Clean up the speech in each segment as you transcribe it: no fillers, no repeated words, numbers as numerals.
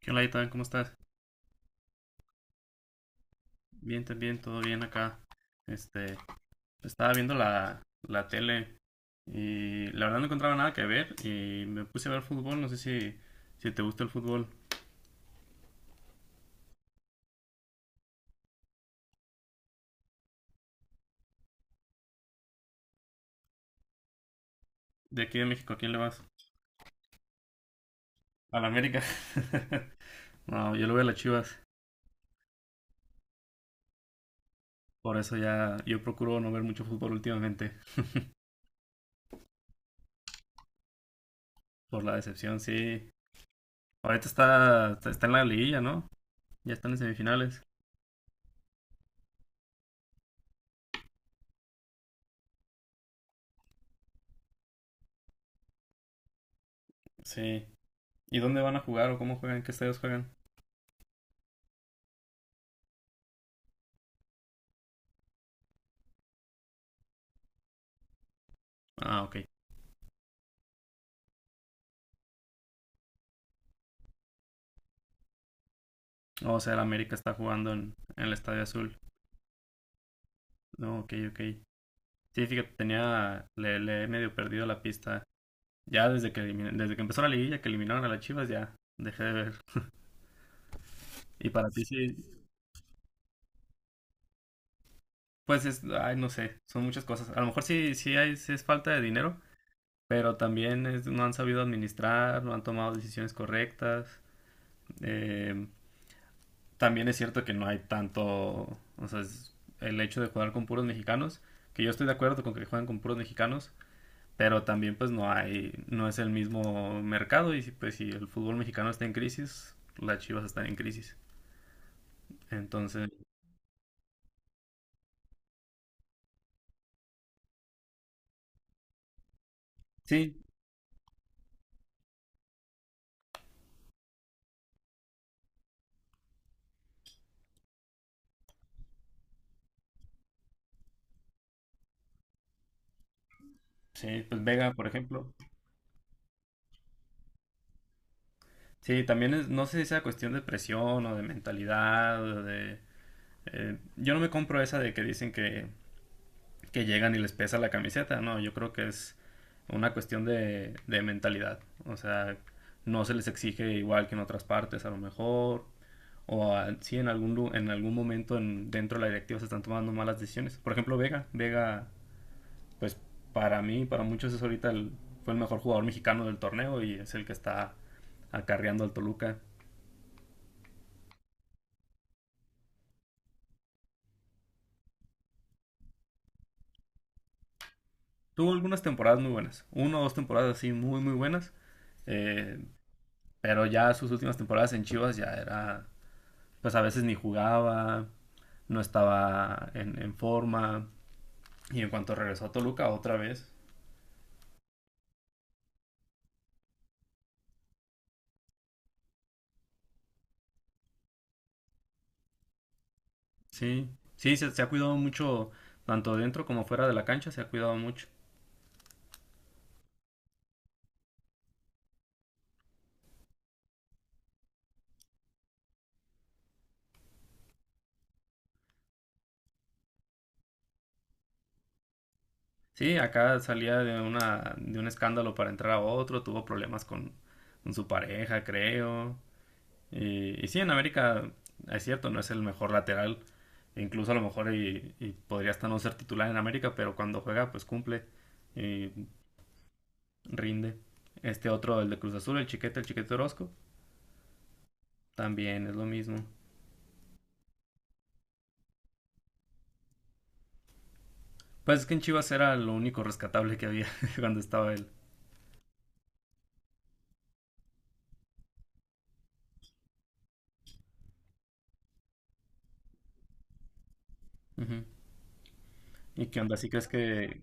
¿Qué onda, Itán? ¿Cómo estás? Bien, también, todo bien acá. Este, estaba viendo la tele y la verdad no encontraba nada que ver y me puse a ver fútbol. No sé si te gusta el fútbol. De aquí de México, ¿a quién le vas? A la América. No, yo lo veo a las Chivas. Por eso ya yo procuro no ver mucho fútbol últimamente. Por la decepción, sí. Ahorita está en la liguilla, ¿no? Ya están en semifinales. Sí. ¿Y dónde van a jugar o cómo juegan? ¿En qué estadios juegan? Ah, ok. Oh, o sea, el América está jugando en el Estadio Azul. No, ok, ok. Sí, fíjate, le he medio perdido la pista. Ya desde desde que empezó la liguilla, que eliminaron a las Chivas, ya dejé de ver. Y para ti sí, pues es, ay, no sé, son muchas cosas. A lo mejor sí es falta de dinero, pero también es- no han sabido administrar, no han tomado decisiones correctas. Eh, también es cierto que no hay tanto, o sea, es el hecho de jugar con puros mexicanos, que yo estoy de acuerdo con que juegan con puros mexicanos, pero también pues no hay, no es el mismo mercado y si, pues si el fútbol mexicano está en crisis, las Chivas están en crisis. Entonces, sí, sí, pues Vega, por ejemplo. Sí, también es, no sé si sea cuestión de presión o de mentalidad o de… yo no me compro esa de que dicen que llegan y les pesa la camiseta. No, yo creo que es una cuestión de mentalidad. O sea, no se les exige igual que en otras partes, a lo mejor. O a- sí, en algún momento en- dentro de la directiva se están tomando malas decisiones. Por ejemplo, Vega. Vega, pues para mí, para muchos es ahorita fue el mejor jugador mexicano del torneo y es el que está acarreando al Toluca. Tuvo algunas temporadas muy buenas. Una o dos temporadas así muy, muy buenas. Eh, pero ya sus últimas temporadas en Chivas ya era pues a veces ni jugaba, no estaba en forma. Y en cuanto regresó a Toluca otra vez, sí, sí, se ha cuidado mucho, tanto dentro como fuera de la cancha, se ha cuidado mucho. Sí, acá salía de de un escándalo para entrar a otro, tuvo problemas con su pareja, creo. Y sí, en América es cierto, no es el mejor lateral. Incluso a lo mejor y podría hasta no ser titular en América, pero cuando juega pues cumple. Y rinde. Este otro, el de Cruz Azul, el Chiquete Orozco, también es lo mismo. Pues es que en Chivas era lo único rescatable que había cuando estaba él. Ujú. ¿Y qué onda? ¿Sí crees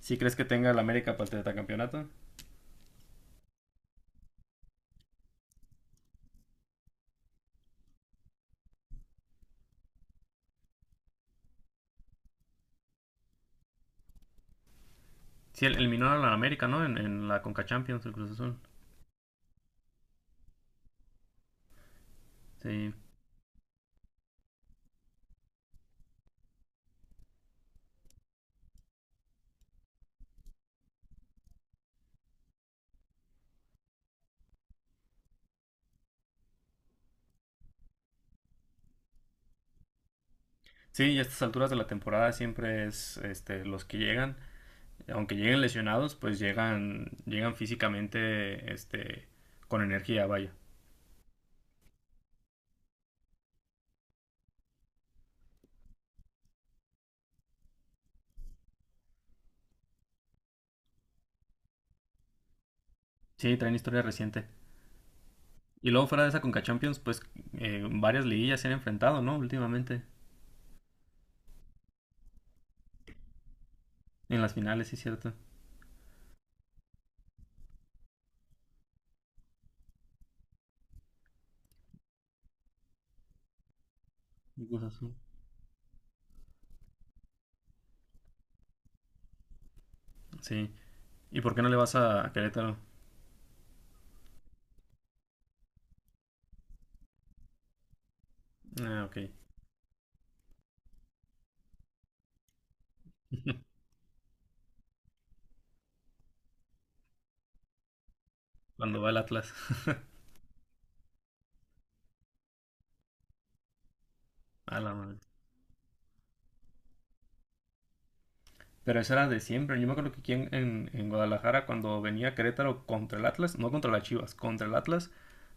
sí crees que tenga el América para el tetracampeonato? Sí, el- eliminó a la América, ¿no? En la Conca Champions, el Cruz Azul. Sí. Sí, y a estas alturas de la temporada siempre es este, los que llegan, aunque lleguen lesionados, pues llegan, llegan físicamente este, con energía, vaya. Sí, traen historia reciente. Y luego fuera de esa Conca Champions, pues varias liguillas se han enfrentado, ¿no? Últimamente. En las finales, sí, cierto. Y Cruz Azul. Sí. ¿Y por qué no le vas a Querétaro? Ah, ok. Cuando va el Atlas. A la madre. Pero eso era de siempre. Yo me acuerdo que aquí en Guadalajara, cuando venía Querétaro contra el Atlas, no contra las Chivas, contra el Atlas,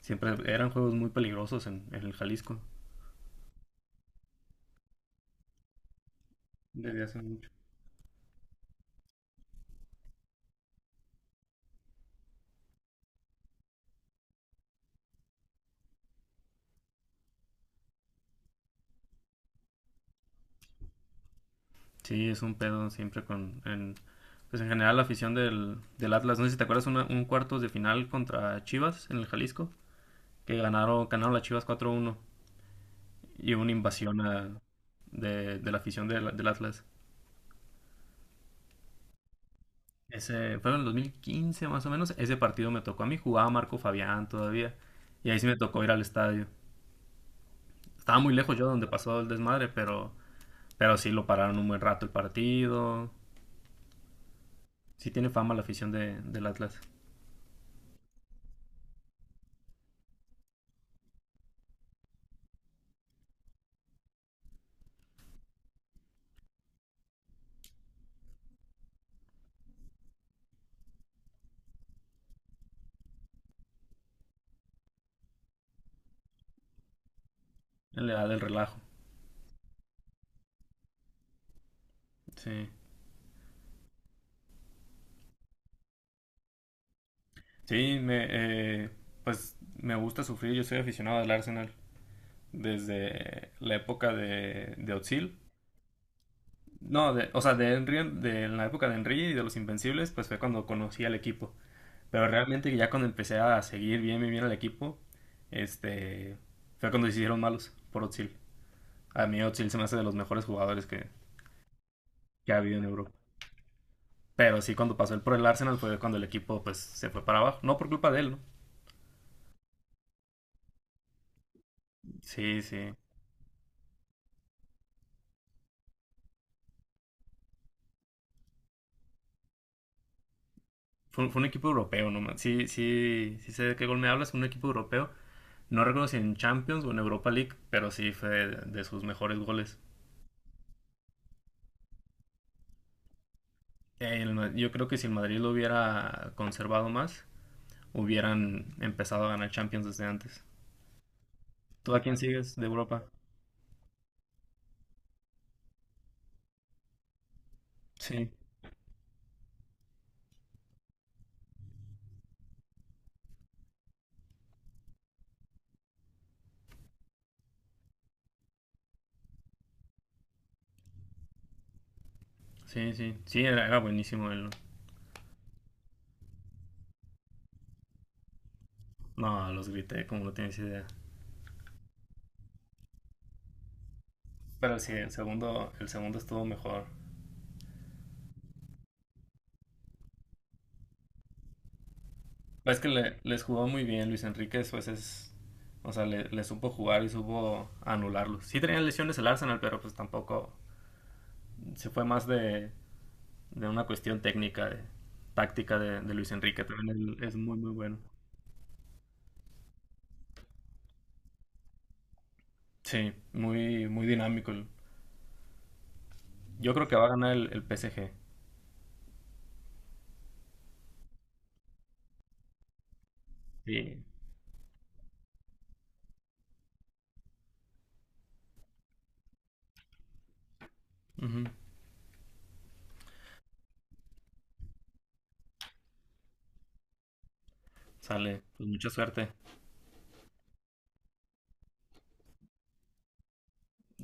siempre eran juegos muy peligrosos en el Jalisco. Desde hace mucho. Sí, es un pedo siempre con… En, pues en general la afición del Atlas. No sé si te acuerdas una- un cuartos de final contra Chivas en el Jalisco, que ganaron, ganaron las Chivas 4-1 y hubo una invasión a- de la afición del Atlas. Ese fue en el 2015 más o menos. Ese partido me tocó a mí. Jugaba Marco Fabián todavía. Y ahí sí me tocó ir al estadio. Estaba muy lejos yo donde pasó el desmadre, pero sí lo pararon un buen rato el partido. Sí tiene fama la afición de, del Atlas. En la edad del relajo. Sí. Sí, pues me gusta sufrir. Yo soy aficionado al Arsenal desde la época de Özil. No, de, o sea, de Henry, de la época de Henry y de los Invencibles, pues fue cuando conocí al equipo. Pero realmente ya cuando empecé a seguir bien, bien, bien al equipo, este, fue cuando se hicieron malos por Özil. A mí Özil se me hace de los mejores jugadores que ha habido en Europa. Pero sí, cuando pasó él por el Arsenal fue cuando el equipo pues se fue para abajo. No por culpa de él, ¿no? Sí, sí. Fue un equipo europeo, no más. Sí, sí, sí sé de qué gol me hablas, un equipo europeo. No recuerdo si en Champions o en Europa League, pero sí fue de sus mejores goles. El Ma- yo creo que si el Madrid lo hubiera conservado más, hubieran empezado a ganar Champions desde antes. ¿Tú a quién sigues de Europa? Sí, sí, sí. Sí, era buenísimo él. No, no, los grité, como no tienes idea. Pero sí, el segundo estuvo mejor. Es que le- les jugó muy bien Luis Enrique, pues es… O sea, le supo jugar y supo anularlos. Sí tenía lesiones el Arsenal, pero pues tampoco… Se fue más de una cuestión técnica, de, táctica de Luis Enrique. También él es muy, muy bueno. Sí, muy, muy dinámico. El- Yo creo que va a ganar el PSG. Sí. Ujú. Sale. Pues mucha suerte.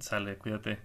Sale, cuídate.